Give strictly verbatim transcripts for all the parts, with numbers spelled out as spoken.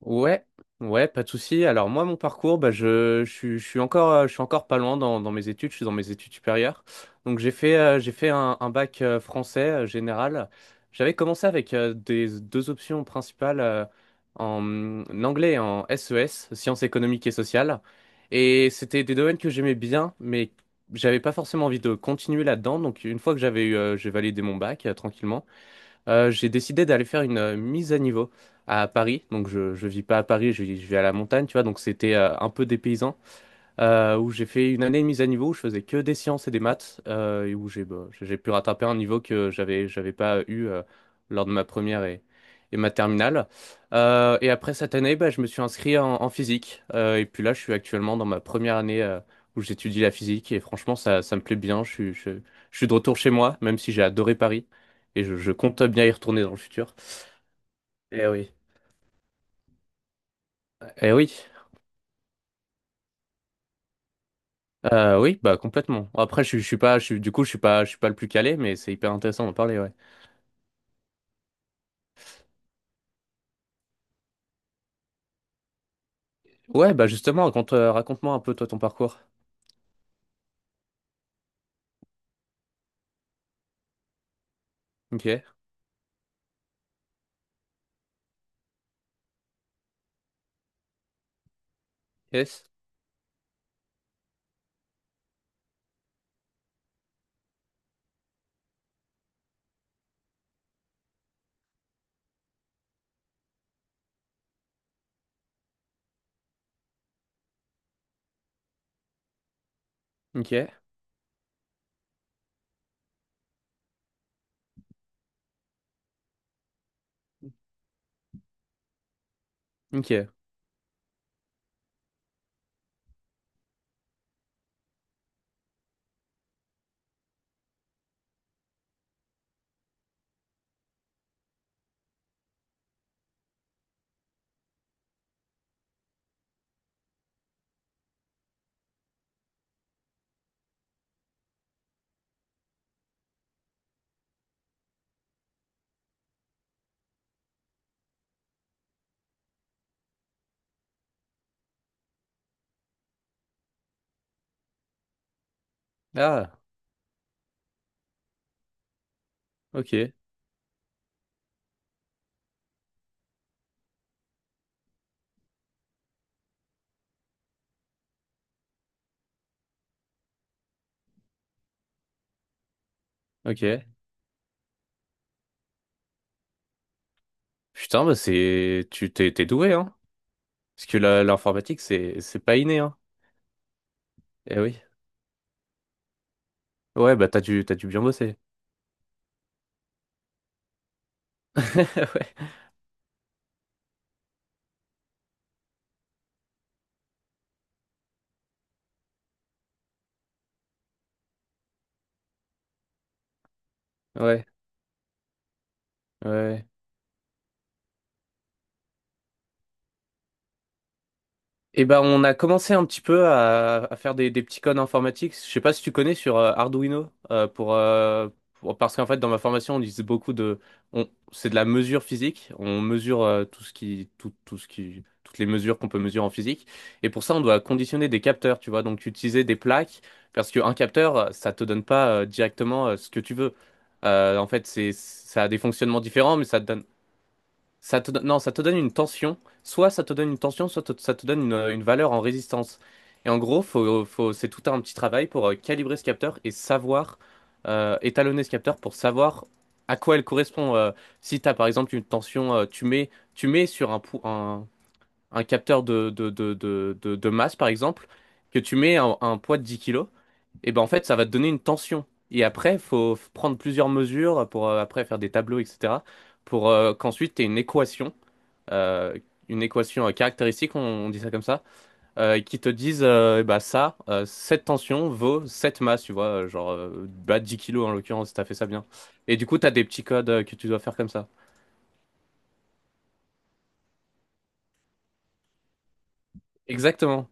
Ouais, ouais, pas de souci. Alors moi, mon parcours, bah, je, je, suis je suis encore, euh, je suis encore pas loin dans, dans mes études. Je suis dans mes études supérieures. Donc j'ai fait, euh, j'ai fait un, un bac euh, français euh, général. J'avais commencé avec euh, des deux options principales euh, en anglais et en S E S, sciences économiques et sociales. Et c'était des domaines que j'aimais bien, mais j'avais pas forcément envie de continuer là-dedans. Donc une fois que j'avais eu, euh, j'ai validé mon bac euh, tranquillement. Euh, j'ai décidé d'aller faire une euh, mise à niveau à Paris. Donc, je ne vis pas à Paris, je, je vis à la montagne, tu vois. Donc, c'était euh, un peu dépaysant euh, où j'ai fait une année de mise à niveau où je faisais que des sciences et des maths, euh, et où j'ai bah, j'ai pu rattraper un niveau que j'avais j'avais pas eu euh, lors de ma première et, et ma terminale. Euh, et après cette année, bah, je me suis inscrit en, en physique. Euh, et puis là, je suis actuellement dans ma première année euh, où j'étudie la physique, et franchement, ça, ça me plaît bien. Je suis, je, je suis de retour chez moi, même si j'ai adoré Paris, et je, je compte bien y retourner dans le futur. Eh oui. Eh oui. Euh, oui, bah complètement. Après, je, je suis pas, je suis, du coup, je suis pas, je suis pas le plus calé, mais c'est hyper intéressant d'en parler, ouais. Ouais, bah justement, raconte, euh, raconte-moi un peu toi ton parcours. Ok, yes, ok, ok. Ah, ok, ok. Putain, bah c'est, tu t'es, t'es doué, hein. Parce que la- l'informatique, c'est, c'est pas inné, hein. Eh oui. Ouais, bah t'as dû, t'as dû bien bosser. Ouais, ouais, ouais. Eh ben, on a commencé un petit peu à, à faire des, des petits codes informatiques. Je sais pas si tu connais sur euh, Arduino, euh, pour, euh, pour- parce qu'en fait dans ma formation on disait beaucoup de, on, c'est de la mesure physique. On mesure euh, tout ce qui, tout, tout ce qui, toutes les mesures qu'on peut mesurer en physique. Et pour ça on doit conditionner des capteurs, tu vois. Donc utiliser des plaques parce qu'un capteur euh, ça te donne pas euh, directement euh, ce que tu veux. Euh, en fait c'est, ça a des fonctionnements différents, mais ça te donne ça te, don- non, ça te donne une tension. Soit ça te donne une tension, soit te- ça te donne une, euh, une valeur en résistance. Et en gros, faut, faut, c'est tout un petit travail pour euh, calibrer ce capteur et savoir euh, étalonner ce capteur pour savoir à quoi elle correspond. Euh, si tu as par exemple une tension, euh, tu mets, tu mets sur un, pou- un, un capteur de, de, de, de, de, de masse par exemple, que tu mets un, un poids de dix kilos, et ben en fait ça va te donner une tension. Et après, faut prendre plusieurs mesures pour euh, après faire des tableaux, et cetera pour euh, qu'ensuite tu aies une équation euh, une équation euh, caractéristique, on, on dit ça comme ça, euh, qui te disent euh, eh bah ça, euh, cette tension vaut cette masse, tu vois, euh, genre euh, bah, dix kilos en l'occurrence, si t'as fait ça bien. Et du coup, t'as des petits codes euh, que tu dois faire comme ça. Exactement.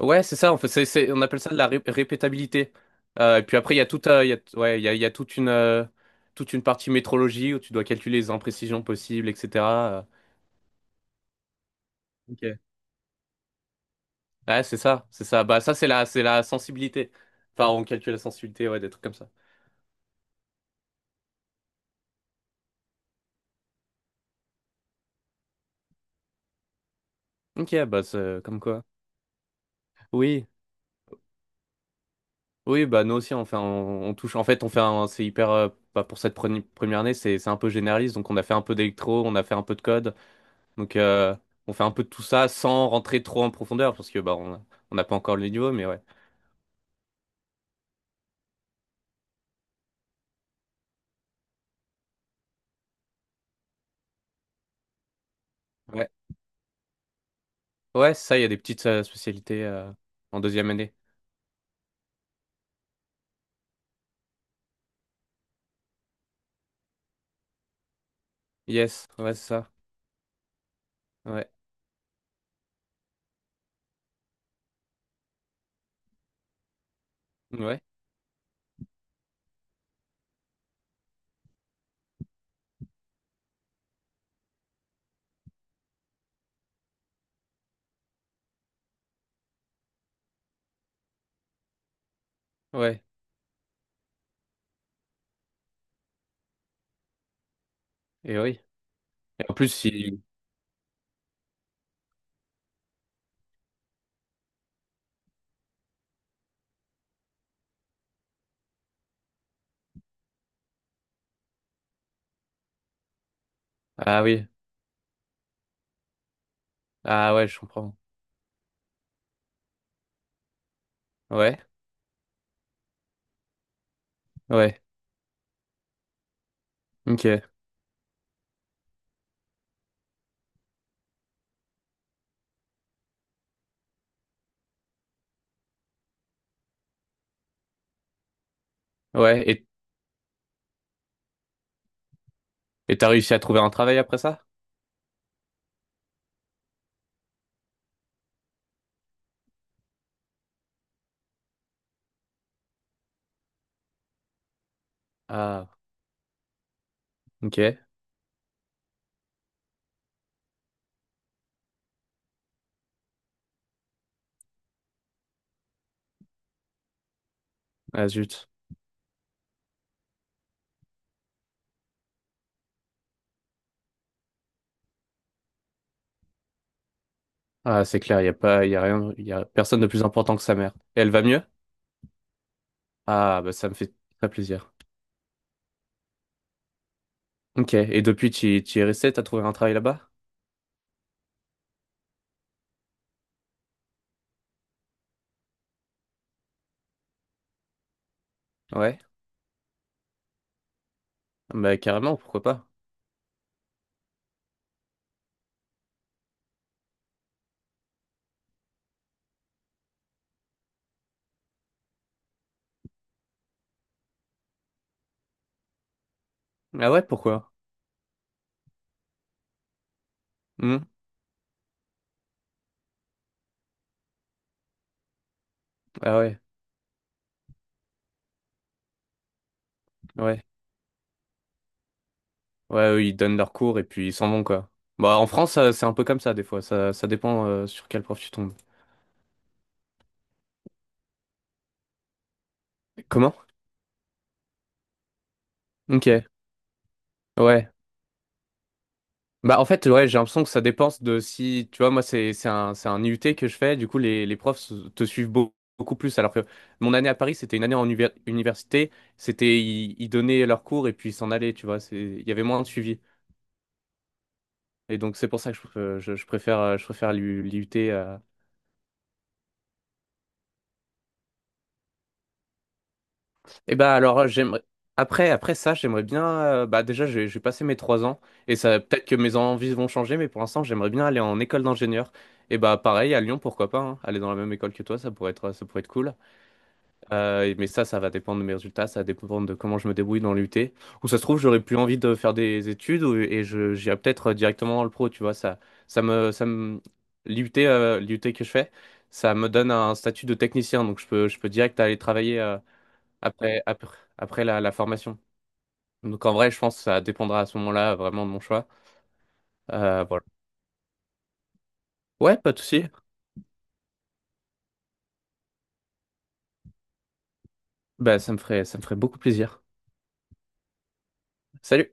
Ouais, c'est ça, en fait, c'est, c'est- on appelle ça de la ré- répétabilité. Euh, et puis après, il y a toute, euh, il y a, ouais, il y a, il y a toute une, euh, toute une partie métrologie où tu dois calculer les imprécisions possibles, et cetera euh. Ok. Ouais, c'est ça, c'est ça. Bah ça, c'est la, c'est la sensibilité. Enfin, on calcule la sensibilité, ouais, des trucs comme ça. Ok, bah c'est comme quoi. Oui, oui, bah nous aussi on fait, on, on touche. En fait, on fait un, c'est hyper. Euh, bah, pour cette preni- première année, c'est c'est un peu généraliste. Donc on a fait un peu d'électro, on a fait un peu de code. Donc euh, on fait un peu de tout ça sans rentrer trop en profondeur parce que bah on on n'a pas encore le niveau, mais ouais. Ouais, ouais, c'est ça. Il y a des petites euh, spécialités euh, en deuxième année. Yes, ouais, c'est ça. Ouais, ouais, ouais. Et oui. Et en plus, si. Ah oui. Ah ouais, je comprends. Ouais, ouais. Ok. Ouais. Et et t'as réussi à trouver un travail après ça? Ah, ok. Ah, zut. Ah, c'est clair, il y a pas, il y a rien, il y a personne de plus important que sa mère. Et elle va mieux? Ah, bah ça me fait très plaisir. Ok. Et depuis, tu, tu es resté, t'as trouvé un travail là-bas? Ouais. Bah carrément, pourquoi pas? Ah ouais, pourquoi? Hmm. Ah ouais, ouais. Ouais, eux, ils donnent leurs cours et puis ils s'en vont, quoi. Bah en France, ça- c'est un peu comme ça des fois. Ça, ça dépend euh, sur quel prof tu tombes. Comment? Ok. Ouais. Bah en fait, ouais, j'ai l'impression que ça dépense de, si tu vois, moi c'est c'est un c'est un I U T que je fais, du coup les, les profs se- te suivent beau- beaucoup plus, alors que mon année à Paris c'était une année en univers- université. C'était, ils, ils donnaient leurs cours et puis ils s'en allaient, tu vois, c'est il y avait moins de suivi. Et donc c'est pour ça que je, euh, je, je préfère euh, je préfère l'U- l'I U T euh. Et bah alors, euh, j'aimerais après après ça, j'aimerais bien, euh, bah déjà j'ai j'ai passé mes trois ans, et ça peut-être que mes envies vont changer, mais pour l'instant j'aimerais bien aller en école d'ingénieur, et bah pareil à Lyon, pourquoi pas, hein. Aller dans la même école que toi, ça pourrait être ça pourrait être cool. Euh, mais ça, ça va dépendre de mes résultats, ça va dépendre de comment je me débrouille dans l'U T. Ou ça se trouve, j'aurais plus envie de faire des études ou- et je, j'irai peut-être directement dans le pro, tu vois. Ça, ça me, ça me, l'U T, euh, l'U T que je fais, ça me donne un statut de technicien, donc je peux, je peux direct aller travailler, euh, après, après, après la, la formation. Donc en vrai, je pense que ça dépendra à ce moment-là vraiment de mon choix. Euh, voilà. Ouais, pas de souci. Bah, ça me ferait, ça me ferait beaucoup plaisir. Salut!